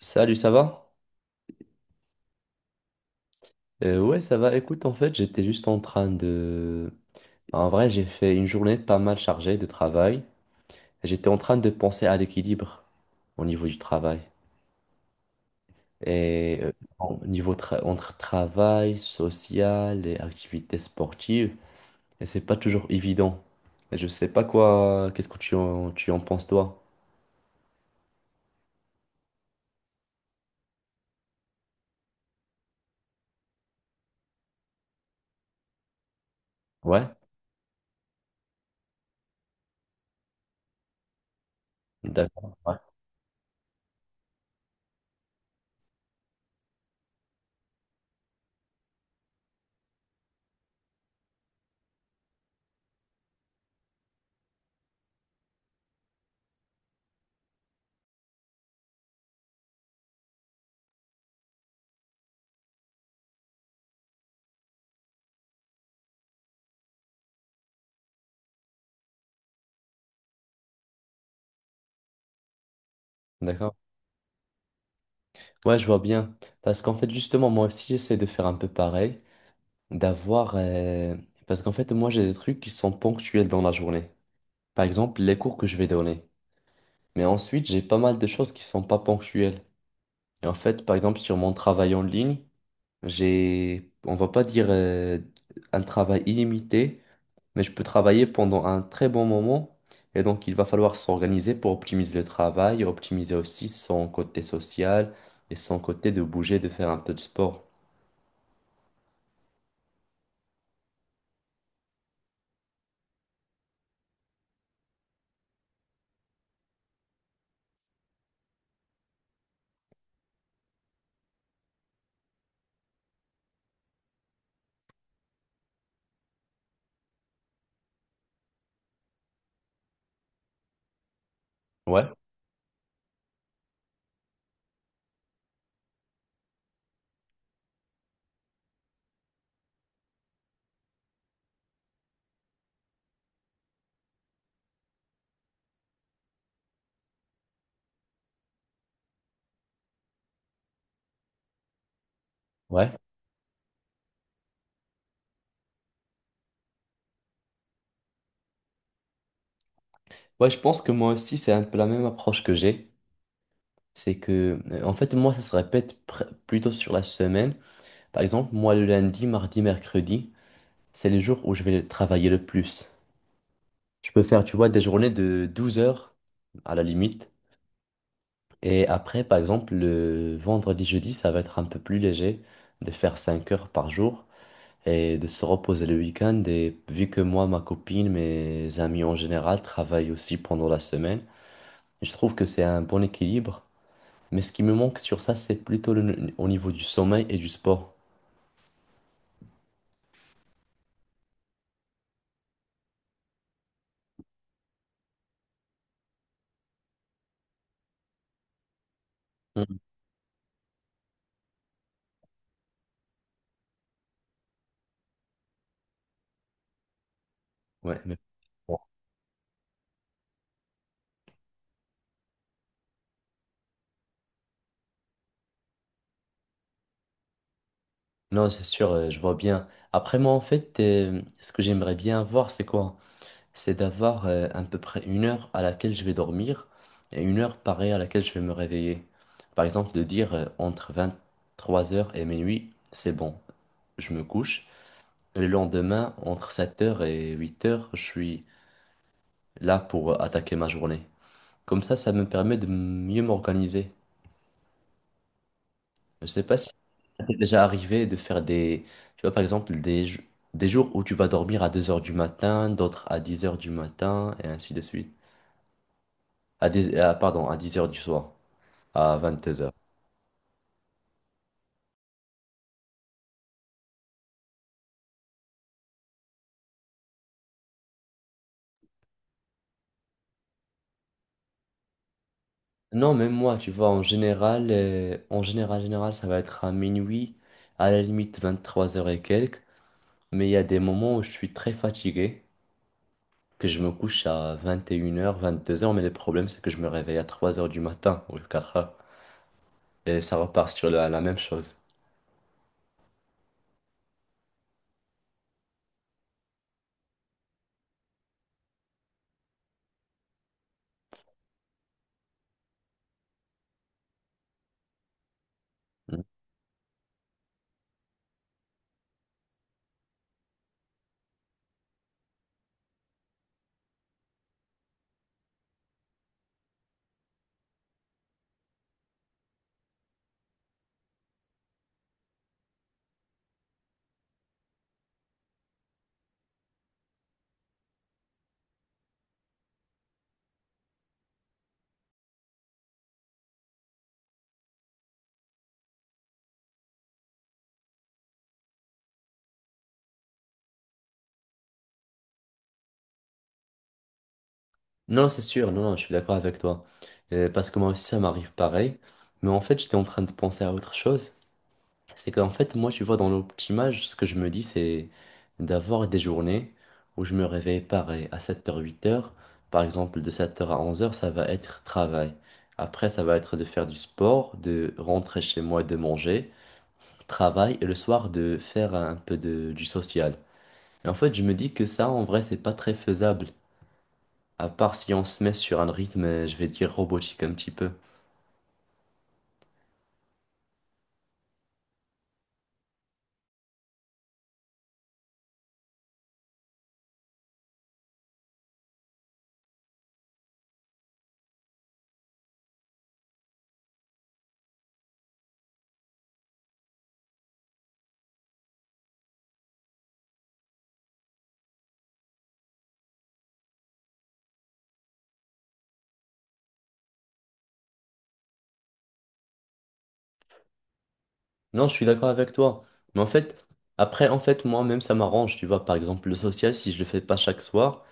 Salut, ça va? Ouais, ça va. Écoute, en fait, j'étais juste en train de. En vrai, j'ai fait une journée pas mal chargée de travail. J'étais en train de penser à l'équilibre au niveau du travail. Et au niveau entre travail, social et activités sportives. Et c'est pas toujours évident. Et je sais pas quoi. Qu'est-ce que tu en penses, toi? Ouais? D'accord. Ouais. D'accord. Ouais, je vois bien. Parce qu'en fait, justement, moi aussi, j'essaie de faire un peu pareil. d'avoir... euh, Parce qu'en fait, moi, j'ai des trucs qui sont ponctuels dans la journée. Par exemple, les cours que je vais donner. Mais ensuite, j'ai pas mal de choses qui sont pas ponctuelles. Et en fait, par exemple, sur mon travail en ligne, on va pas dire un travail illimité, mais je peux travailler pendant un très bon moment. Et donc, il va falloir s'organiser pour optimiser le travail, optimiser aussi son côté social et son côté de bouger, de faire un peu de sport. Ouais, ouais. Ouais, je pense que moi aussi, c'est un peu la même approche que j'ai. C'est que, en fait, moi, ça se répète plutôt sur la semaine. Par exemple, moi, le lundi, mardi, mercredi, c'est les jours où je vais travailler le plus. Je peux faire, tu vois, des journées de 12 heures à la limite. Et après, par exemple, le vendredi, jeudi, ça va être un peu plus léger de faire 5 heures par jour et de se reposer le week-end. Et vu que moi, ma copine, mes amis en général travaillent aussi pendant la semaine, je trouve que c'est un bon équilibre. Mais ce qui me manque sur ça, c'est plutôt au niveau du sommeil et du sport. Mm. Ouais, mais bon. Non, c'est sûr, je vois bien. Après, moi, en fait, ce que j'aimerais bien avoir, c'est quoi? C'est d'avoir à peu près une heure à laquelle je vais dormir et une heure pareille à laquelle je vais me réveiller. Par exemple, de dire entre 3 heures et minuit, c'est bon, je me couche. Le lendemain, entre 7 heures et 8 heures, je suis là pour attaquer ma journée. Comme ça me permet de mieux m'organiser. Je sais pas. Ça t'est déjà arrivé de faire tu vois, par exemple, des jours où tu vas dormir à 2 heures du matin, d'autres à 10 heures du matin, et ainsi de suite. Pardon, à 10 heures du soir, à 22 heures. Non, même moi, tu vois, en général, ça va être à minuit, à la limite 23 heures et quelques, mais il y a des moments où je suis très fatigué, que je me couche à 21 heures 22 heures, mais le problème, c'est que je me réveille à 3 heures du matin ou 4h, et ça repart sur la même chose. Non, c'est sûr, non, non, je suis d'accord avec toi. Parce que moi aussi, ça m'arrive pareil. Mais en fait, j'étais en train de penser à autre chose. C'est qu'en fait, moi, tu vois, dans l'optimage, ce que je me dis, c'est d'avoir des journées où je me réveille pareil à 7h, 8h. Par exemple, de 7h à 11h, ça va être travail. Après, ça va être de faire du sport, de rentrer chez moi, de manger, travail, et le soir, de faire un peu du social. Et en fait, je me dis que ça, en vrai, c'est pas très faisable à part si on se met sur un rythme, je vais dire robotique un petit peu. Non, je suis d'accord avec toi. Mais en fait, après, en fait, moi-même, ça m'arrange. Tu vois, par exemple, le social, si je le fais pas chaque soir,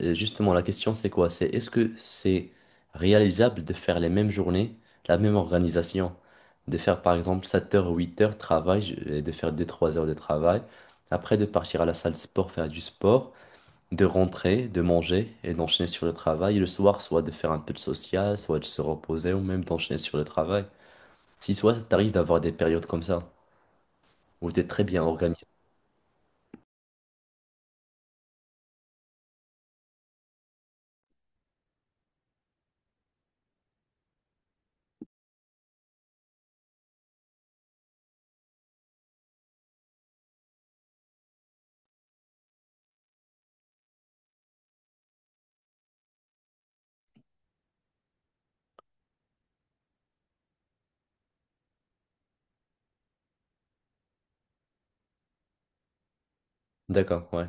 justement, la question, c'est quoi? C'est est-ce que c'est réalisable de faire les mêmes journées, la même organisation? De faire, par exemple, 7 heures ou 8 heures de travail, et de faire deux, trois heures de travail. Après, de partir à la salle de sport, faire du sport. De rentrer, de manger et d'enchaîner sur le travail. Et le soir, soit de faire un peu de social, soit de se reposer ou même d'enchaîner sur le travail. Si soit ça t'arrive d'avoir des périodes comme ça, où t'es très bien organisé. D'accord, ouais.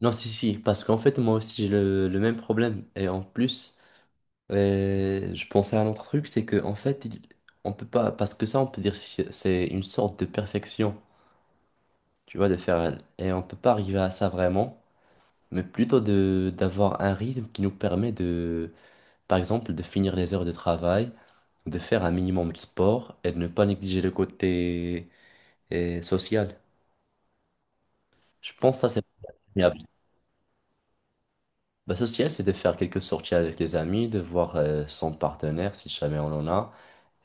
Non, si, si, parce qu'en fait, moi aussi, j'ai le même problème. Et en plus, je pensais à un autre truc, c'est que en fait, on peut pas, parce que ça, on peut dire c'est une sorte de perfection, tu vois, de faire. Et on peut pas arriver à ça vraiment, mais plutôt de d'avoir un rythme qui nous permet de. Par exemple, de finir les heures de travail, de faire un minimum de sport et de ne pas négliger le côté social. Je pense que ça, c'est préférable. Le social, c'est de faire quelques sorties avec les amis, de voir son partenaire, si jamais on en a.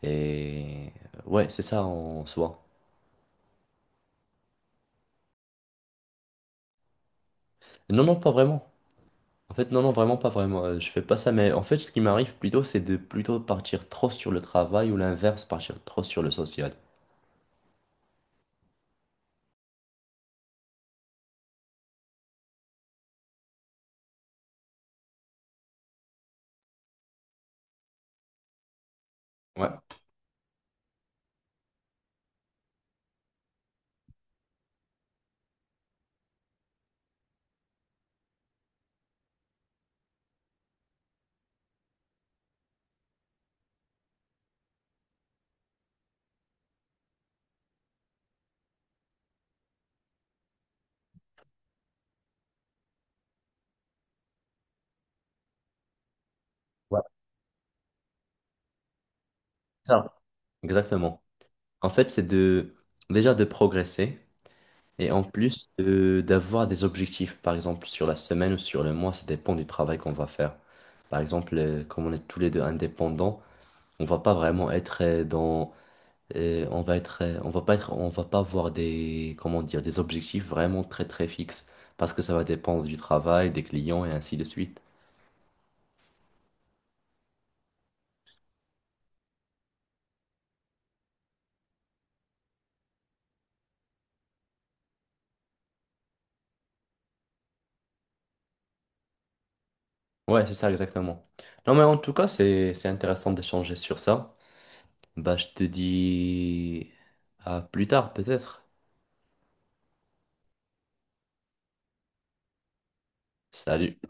Et ouais, c'est ça en soi. Non, non, pas vraiment. En fait, non, non, vraiment pas vraiment. Je fais pas ça, mais en fait, ce qui m'arrive plutôt, c'est de plutôt partir trop sur le travail ou l'inverse, partir trop sur le social. Ouais, ouais, c'est ça. Exactement. En fait, c'est de déjà de progresser. Et en plus d'avoir des objectifs, par exemple sur la semaine ou sur le mois, ça dépend du travail qu'on va faire. Par exemple, comme on est tous les deux indépendants, on va pas vraiment être dans, on va être, on va pas être, on va pas avoir des, comment dire, des objectifs vraiment très très fixes parce que ça va dépendre du travail, des clients et ainsi de suite. Ouais, c'est ça exactement. Non mais en tout cas, c'est intéressant d'échanger sur ça. Bah, je te dis à plus tard peut-être. Salut.